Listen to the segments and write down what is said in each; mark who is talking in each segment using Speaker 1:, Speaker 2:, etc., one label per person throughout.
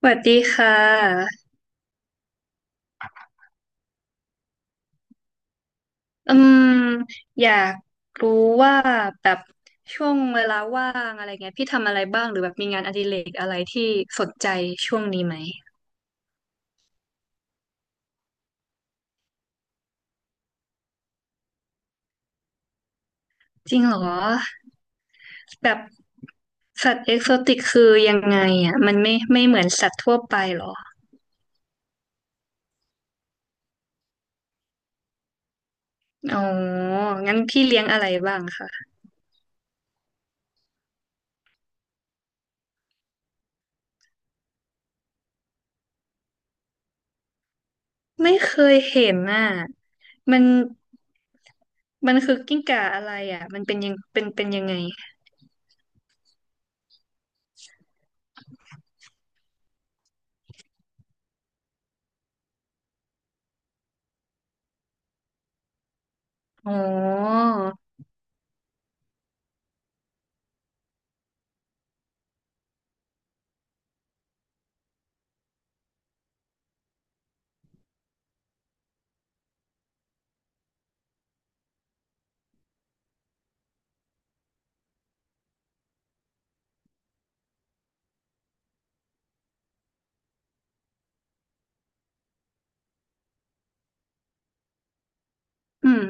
Speaker 1: สวัสดีค่ะอืมอยากรู้ว่าแบบช่วงเวลาว่างอะไรเงี้ยพี่ทำอะไรบ้างหรือแบบมีงานอดิเรกอะไรที่สนใจช่วงนี้ไหมจริงเหรอแบบสัตว์เอกโซติกคือยังไงอ่ะมันไม่เหมือนสัตว์ทั่วไปเหรออ๋องั้นพี่เลี้ยงอะไรบ้างคะไม่เคยเห็นน่ะมันมันคือกิ้งก่าอะไรอ่ะมันเป็นยังเป็นยังไงอ๋ออืม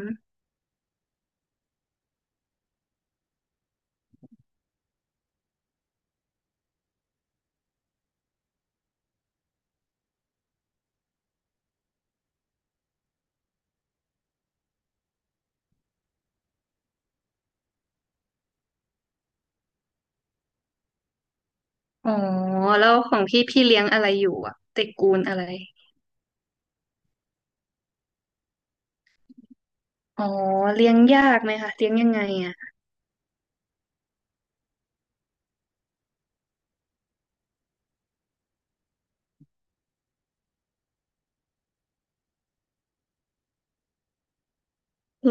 Speaker 1: อ๋อแล้วของพี่พี่เลี้ยงอะไรอยู่อ่ะตระกูลอะไรอ๋อเลี้ยงยากไหมคะเลี้ยงยังไงอ่ะ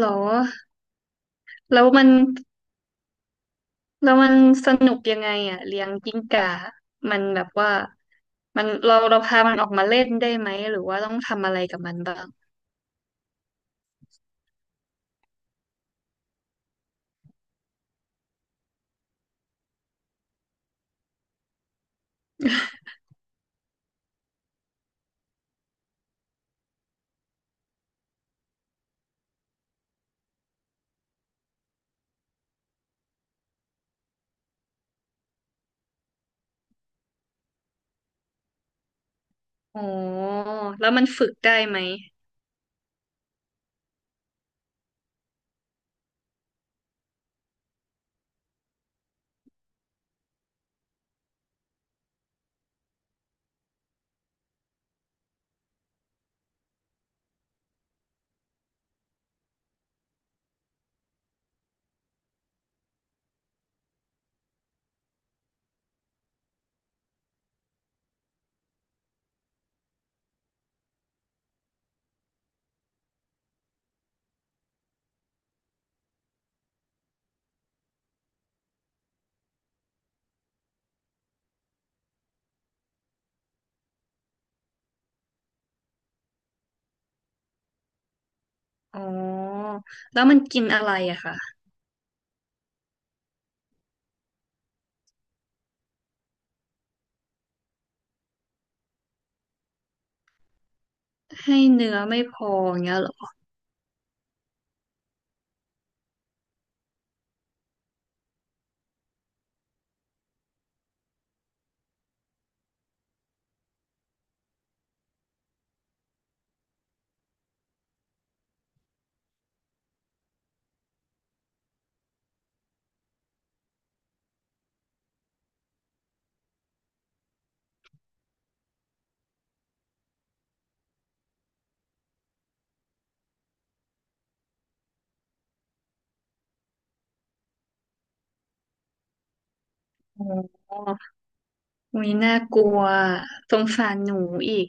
Speaker 1: หรอแล้วมันแล้วมันสนุกยังไงอ่ะเลี้ยงกิ้งก่ามันแบบว่ามันเราพามันออกมาเล่นได้ไหมหรือว่าต้องทำอะไรกับมันบ้างอ๋อแล้วมันฝึกได้ไหมอ๋อแล้วมันกินอะไรอะคะให้เนื้อไม่พออย่างเงี้ยเหรออ๋ออุ้ยน่ากลัวสงสารหนูอีก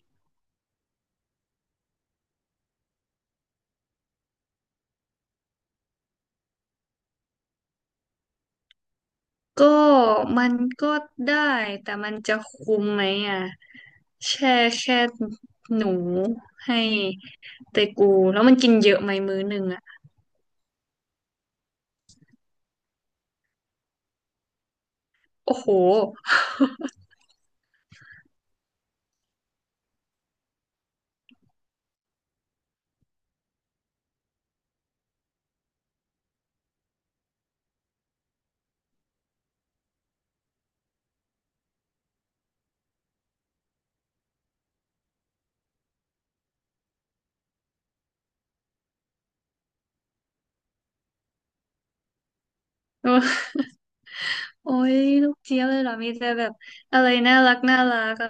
Speaker 1: ก็มันก็ได้แต่มันจะคุ้มไหมอ่ะแช่แค่หนูให้เตกูแล้วมันกินเยอะไหมมื้อหนึ่งอ่ะโอ้โห โอ้ยลูกเจี๊ยบเลยเหรอมีแต่แบบอะไรน่ารักอ่ะ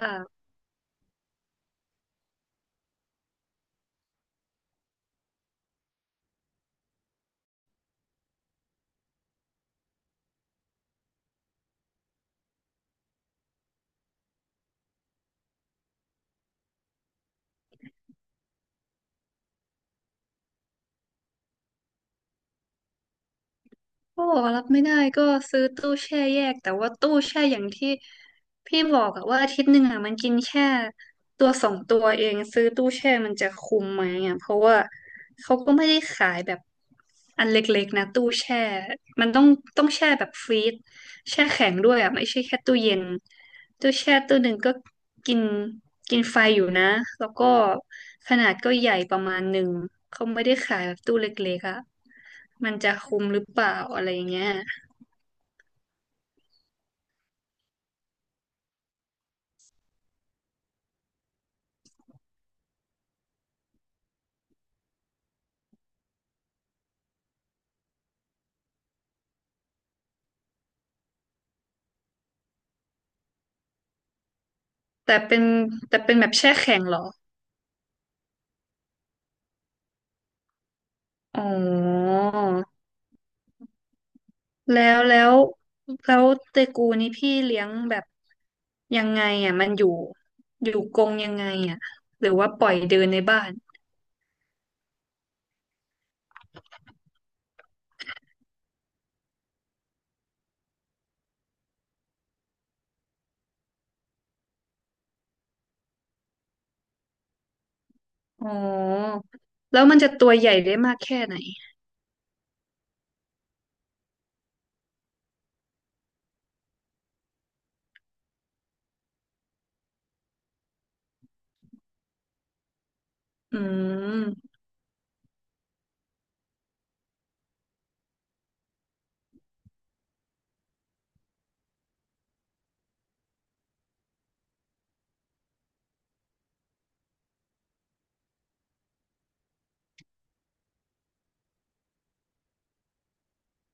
Speaker 1: เาบอกว่ารับไม่ได้ก็ซื้อตู้แช่แยกแต่ว่าตู้แช่อย่างที่พี่บอกอะว่าอาทิตย์หนึ่งอะมันกินแค่ตัวสองตัวเองซื้อตู้แช่มันจะคุ้มไหมอะเพราะว่าเขาก็ไม่ได้ขายแบบอันเล็กๆนะตู้แช่มันต้องแช่แบบฟรีซแช่แข็งด้วยอะไม่ใช่แค่ตู้เย็นตู้แช่ตู้หนึ่งก็กินกินไฟอยู่นะแล้วก็ขนาดก็ใหญ่ประมาณหนึ่งเขาไม่ได้ขายแบบตู้เล็กๆอะ มันจะคุ้มหรือเปล่าอะไรเงี้ยแต่เป็นแต่เป็นแบบแช่แข็งเหรออ๋อแล้วแล้วแล้วเตกูนี่พี่เลี้ยงแบบยังไงอ่ะมันอยู่กรงยังไงอ่ะหรือว่าปล่อยเดินในบ้านอ๋อแล้วมันจะตัวใหญ่ได้มากแค่ไหนอืม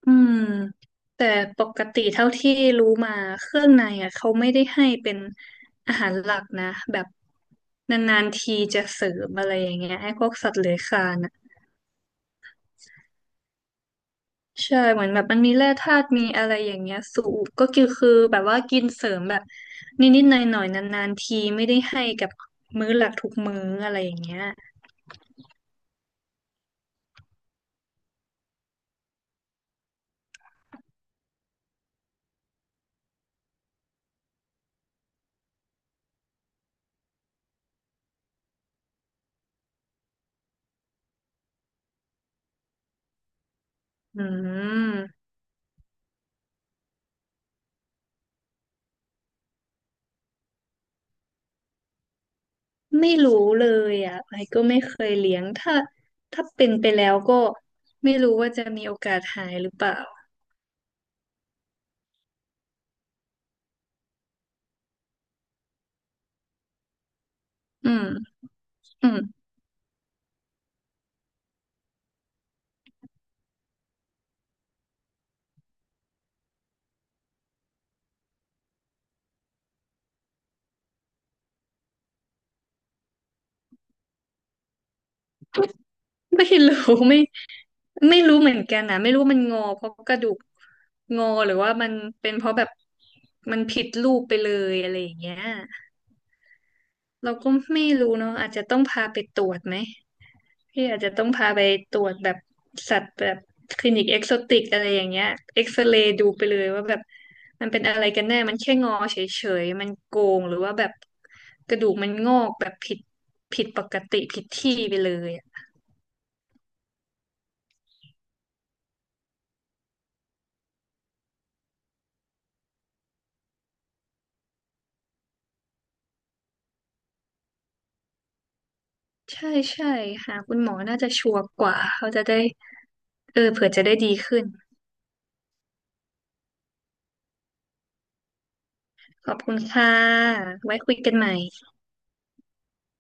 Speaker 1: อืมแต่ปกติเท่าที่รู้มาเครื่องในอ่ะเขาไม่ได้ให้เป็นอาหารหลักนะแบบนานๆทีจะเสริมอะไรอย่างเงี้ยไอ้พวกสัตว์เลื้อยคลานอ่ะใช่เหมือนแบบมันมีแร่ธาตุมีอะไรอย่างเงี้ยสูบก็คือแบบว่ากินเสริมแบบนิดๆหน่อยๆนานๆทีไม่ได้ให้กับมื้อหลักทุกมื้ออะไรอย่างเงี้ยอืม ไม่รู้เลยอ่ะไอก็ไม่เคยเลี้ยงถ้าเป็นไปแล้วก็ไม่รู้ว่าจะมีโอกาสหายหรือเปล่าอืมอืมไม่รู้ ไม่ไม่รู้เหมือนกันนะไม่รู้มันงอเพราะกระดูกงอหรือว่ามันเป็นเพราะแบบมันผิดรูปไปเลยอะไรอย่างเงี้ยเราก็ไม่รู้เนาะอาจจะต้องพาไปตรวจไหม พี่อาจจะต้องพาไปตรวจแบบสัตว์แบบคลินิกเอ็กโซติกอะไรอย่างเงี้ยเอ็กซเรย์ดูไปเลยว่าแบบมันเป็นอะไรกันแน่มันแค่งอเฉยๆมันโกงหรือว่าแบบกระดูกมันงอกแบบผิดปกติผิดที่ไปเลยอะใช่ใช่หาคุณหมอน่าจะชัวร์กว่าเขาจะได้เออเผื่อจะได้ดีขึ้นขอบคุณค่ะไว้คุยกันใหม่